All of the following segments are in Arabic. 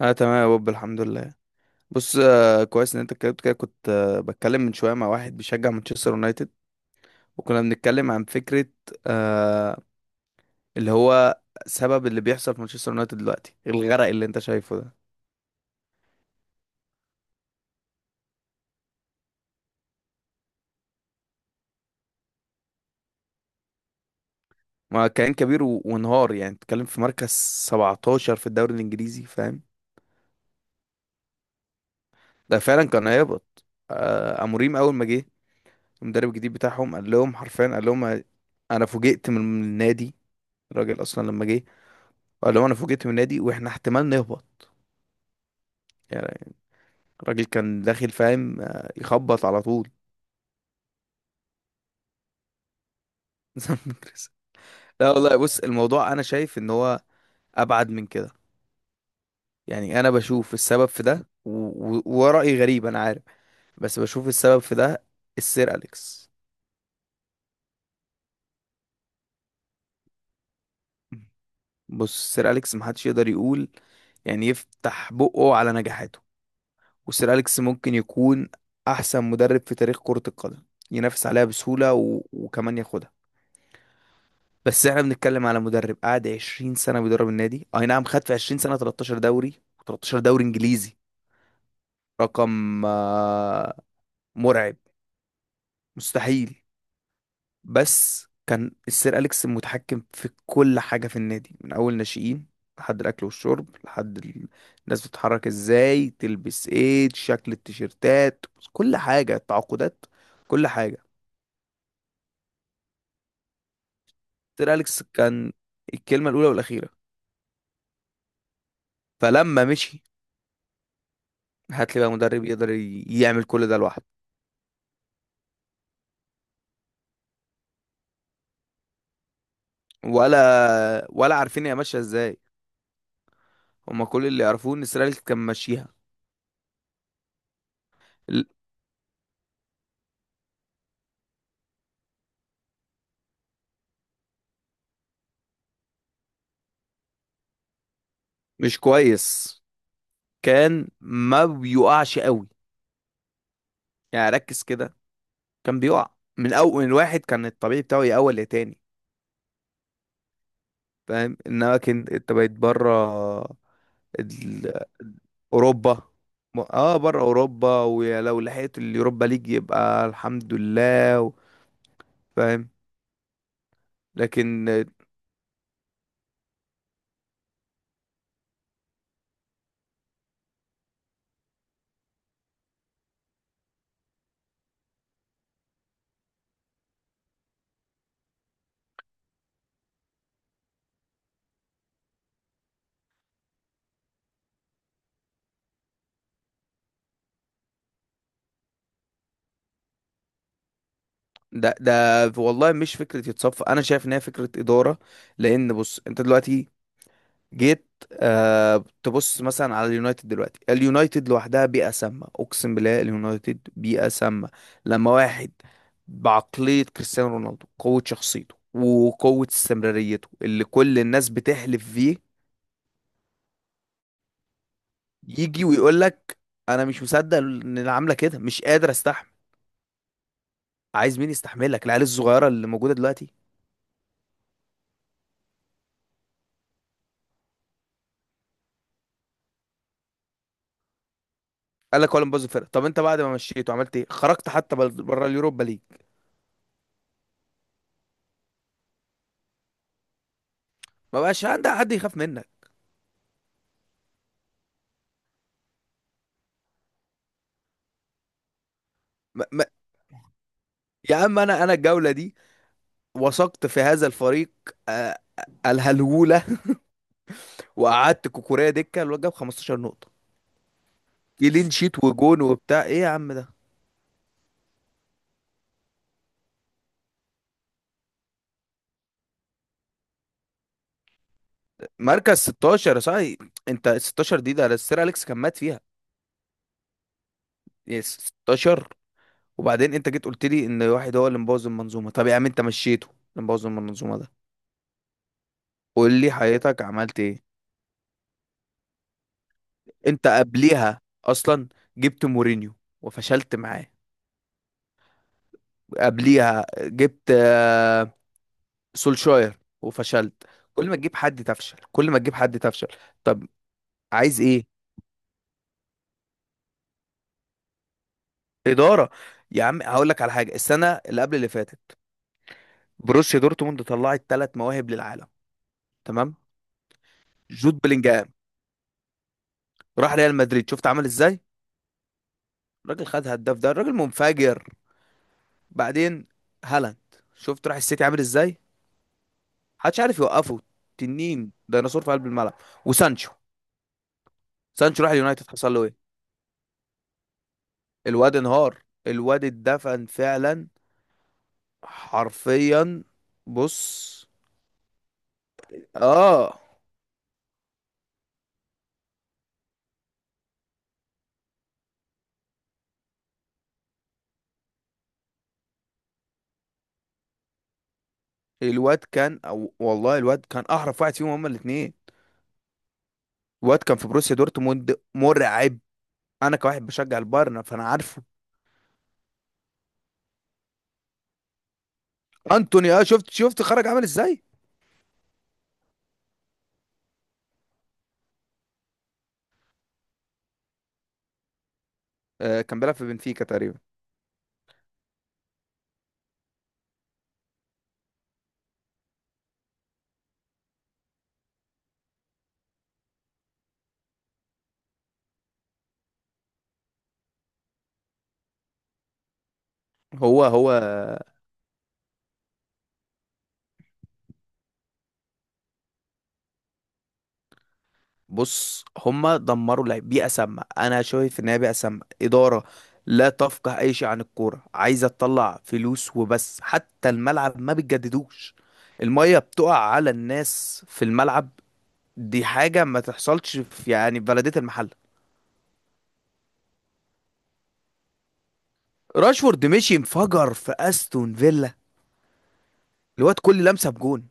اه تمام يا بوب، الحمد لله. بص، كويس ان انت اتكلمت كده. كنت بتكلم من شويه مع واحد بيشجع مانشستر يونايتد، وكنا بنتكلم عن فكره، آه اللي هو سبب اللي بيحصل في مانشستر يونايتد دلوقتي، الغرق اللي انت شايفه ده. ما كان كبير وانهار. يعني بتتكلم في مركز 17 في الدوري الانجليزي، فاهم. ده فعلا كان هيهبط. اموريم اول ما جه، المدرب الجديد بتاعهم، قال لهم حرفيا، قال لهم انا فوجئت من النادي. الراجل اصلا لما جه قال لهم انا فوجئت من النادي واحنا احتمال نهبط. يعني الراجل كان داخل فاهم، يخبط على طول. زي ما بنكرس. لا والله، بص، الموضوع انا شايف ان هو ابعد من كده. يعني انا بشوف السبب في ده ورأيي غريب انا عارف، بس بشوف السبب في ده، السير اليكس. بص، السير اليكس محدش يقدر يقول، يعني يفتح بقه على نجاحاته. والسير اليكس ممكن يكون احسن مدرب في تاريخ كرة القدم، ينافس عليها بسهولة وكمان ياخدها. بس احنا بنتكلم على مدرب قعد 20 سنة بيدرب النادي، اي نعم خد في 20 سنة 13 دوري، 13 دوري انجليزي. رقم مرعب. مستحيل. بس كان السير أليكس متحكم في كل حاجة في النادي، من أول ناشئين لحد الأكل والشرب، الناس بتتحرك ازاي، تلبس ايه، شكل التيشيرتات، كل حاجة، التعاقدات، كل حاجة. سير أليكس كان الكلمة الأولى والأخيرة. فلما مشي، هات لي بقى مدرب يقدر يعمل كل ده لوحده. ولا عارفين هي ماشيه ازاي. هما كل اللي يعرفوه ان اسرائيل كان ماشيها. ل- مش كويس. كان ما بيقعش قوي، يعني ركز كده، كان بيقع. من اول من واحد كان الطبيعي بتاعه يأول لتاني، فاهم. انما كان انت بقيت بره ال- اوروبا. بره اوروبا، ولو لحقت اليوروبا ليج يبقى الحمد لله فاهم. لكن ده والله مش فكرة يتصفى. أنا شايف إن هي فكرة إدارة. لأن بص، أنت دلوقتي جيت، تبص مثلا على اليونايتد دلوقتي، اليونايتد لوحدها بيئة سامة. أقسم بالله اليونايتد بيئة سامة. لما واحد بعقلية كريستيانو رونالدو، قوة شخصيته وقوة استمراريته اللي كل الناس بتحلف فيه، يجي ويقول لك أنا مش مصدق إن اللي عاملة كده، مش قادر أستحمل، عايز مين يستحملك، العيال الصغيرة اللي موجودة دلوقتي. قال لك ولا مبوظ الفرقه، طب انت بعد ما مشيته عملت ايه، خرجت حتى بره اليوروبا ليج، ما بقاش عندك حد يخاف منك. ما يا عم، انا الجوله دي وثقت في هذا الفريق. الهلوله. وقعدت كوكوريا دكه، الواد جاب 15 نقطه، كلين شيت وجون وبتاع ايه يا عم ده. مركز 16 يا صاحبي. انت ال 16 دي ده السير اليكس كان مات فيها. يا 16. وبعدين انت جيت قلت لي ان واحد هو اللي مبوظ المنظومه، طب يا عم انت مشيته اللي مبوظ المنظومه ده، قول لي حياتك عملت ايه. انت قبليها اصلا جبت مورينيو وفشلت معاه. قبليها جبت سولشاير وفشلت. كل ما تجيب حد تفشل، كل ما تجيب حد تفشل. طب عايز ايه، اداره. يا عم هقول لك على حاجه، السنه اللي قبل اللي فاتت بروسيا دورتموند طلعت ثلاث مواهب للعالم. تمام. جود بلينجهام راح ريال مدريد، شفت عمل ازاي. الراجل خد هداف، ده الراجل منفجر. بعدين هالاند، شفت راح السيتي عامل ازاي، محدش عارف يوقفه. تنين ديناصور في قلب الملعب. وسانشو، سانشو راح اليونايتد حصل له ايه. الواد انهار، الواد اتدفن فعلا، حرفيا. بص. اه الواد كان، أو والله الواد كان احرف واحد فيهم هما الاثنين. الواد كان في بروسيا دورتموند مرعب. انا كواحد بشجع البايرن فانا عارفه. انتوني، شفت خرج عامل ازاي. كان بيلعب في بنفيكا تقريبا. هو هو بص هما دمروا لعب. بيئة سامة، أنا شايف إن هي بيئة سامة، إدارة لا تفقه أي شيء عن الكورة، عايزة تطلع فلوس وبس. حتى الملعب ما بتجددوش، المية بتقع على الناس في الملعب. دي حاجة ما تحصلش في، يعني، في بلدية المحل. راشفورد مشي انفجر في أستون فيلا. الواد كل لمسة بجون.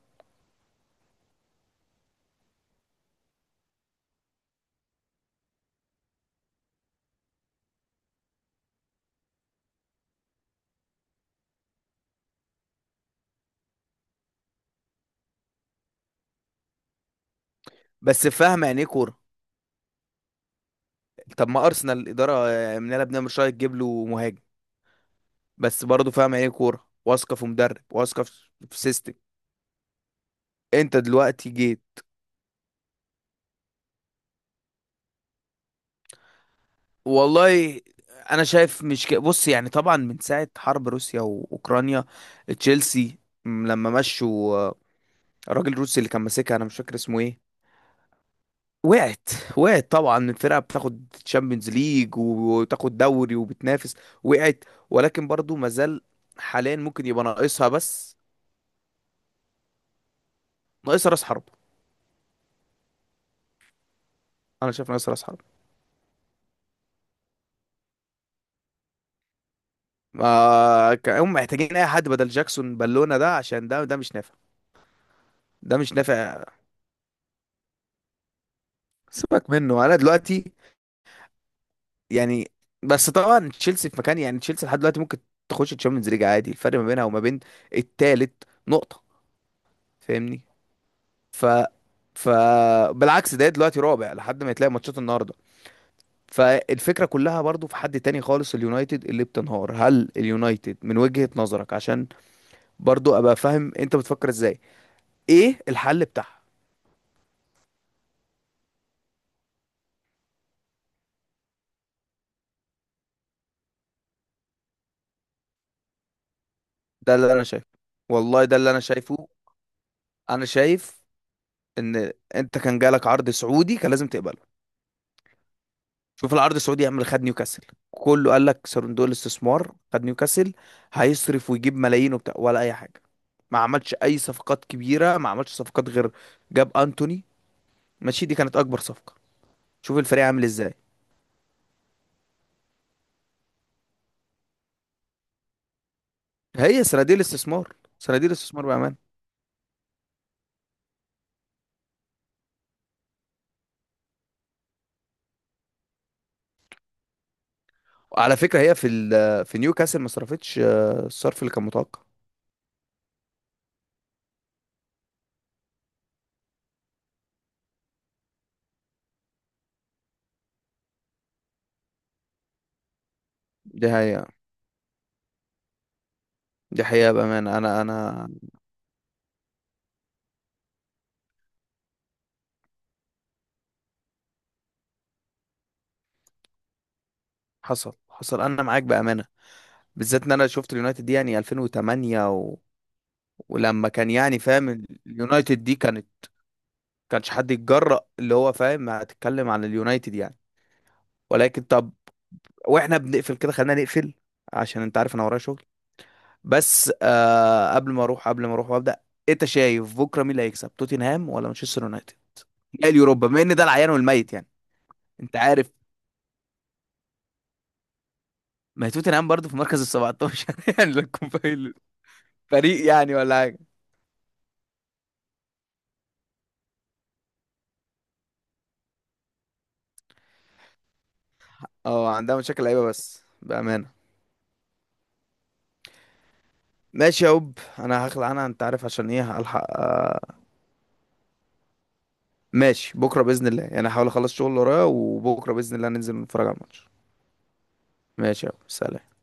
بس فاهم يعني إيه كورة. طب ما أرسنال الإدارة مناله بنعمل شوية تجيب له مهاجم، بس برضه فاهم يعني إيه كورة واثقة في مدرب، واثقة في سيستم. انت دلوقتي جيت. والله انا شايف مش بص يعني، طبعا من ساعة حرب روسيا واوكرانيا، تشيلسي، لما مشوا، الراجل الروسي اللي كان ماسكها انا مش فاكر اسمه ايه، وقعت. وقعت طبعا، الفرقة بتاخد تشامبيونز ليج وتاخد دوري وبتنافس، وقعت. ولكن برضو مازال حاليا، ممكن يبقى ناقصها بس، ناقصها راس حرب. انا شايف ناقصها راس حرب. ما كان- هم محتاجين اي حد بدل جاكسون بالونة ده، عشان ده مش نافع. ده مش نافع. سيبك منه انا دلوقتي، يعني. بس طبعا تشيلسي في مكان، يعني تشيلسي لحد دلوقتي ممكن تخش الشامبيونز ليج عادي. الفرق ما بينها وما بين التالت نقطة، فاهمني. ف ف بالعكس، ده دلوقتي رابع لحد ما يتلاقي ماتشات النهارده. فالفكرة كلها برضو في حد تاني خالص، اليونايتد اللي بتنهار. هل اليونايتد من وجهة نظرك، عشان برضو ابقى فاهم انت بتفكر ازاي، ايه الحل بتاعها؟ ده اللي انا شايفه، والله ده اللي انا شايفه. انا شايف ان انت كان جالك عرض سعودي كان لازم تقبله. شوف العرض السعودي يعمل، خد نيوكاسل، كله قال لك صندوق الاستثمار خد نيوكاسل، هيصرف ويجيب ملايين وبتاع ولا اي حاجه. ما عملش اي صفقات كبيره، ما عملش صفقات غير، جاب انتوني، ماشي دي كانت اكبر صفقه. شوف الفريق عامل ازاي. هي صناديق الاستثمار، صناديق الاستثمار بامان. وعلى فكره هي في في نيوكاسل ما صرفتش الصرف اللي كان متوقع. دي حقيقه. دي حقيقه بامانه، انا حصل، انا معاك بامانه، بالذات ان انا شفت اليونايتد دي يعني 2008، ولما كان يعني فاهم اليونايتد دي كانت، كانش حد يتجرأ اللي هو فاهم هتتكلم عن اليونايتد يعني. ولكن طب، واحنا بنقفل كده، خلينا نقفل عشان انت عارف انا ورايا شغل. بس قبل ما اروح وابدا، انت شايف بكره مين اللي هيكسب، توتنهام ولا مانشستر يونايتد؟ لا اليوروبا، بما ان ده العيان والميت يعني، انت عارف. ما هي توتنهام برضه في مركز ال 17 يعني لا تكون فريق يعني ولا حاجه. اه، عندها مشاكل لعيبه بس بامانه. ماشي يا هوب، انا هخلع، انا انت عارف عشان ايه، هلحق. ماشي بكرة بإذن الله، يعني هحاول أخلص شغل اللي ورايا، وبكرة بإذن الله ننزل نتفرج على الماتش. ماشي يا أبو، سلام.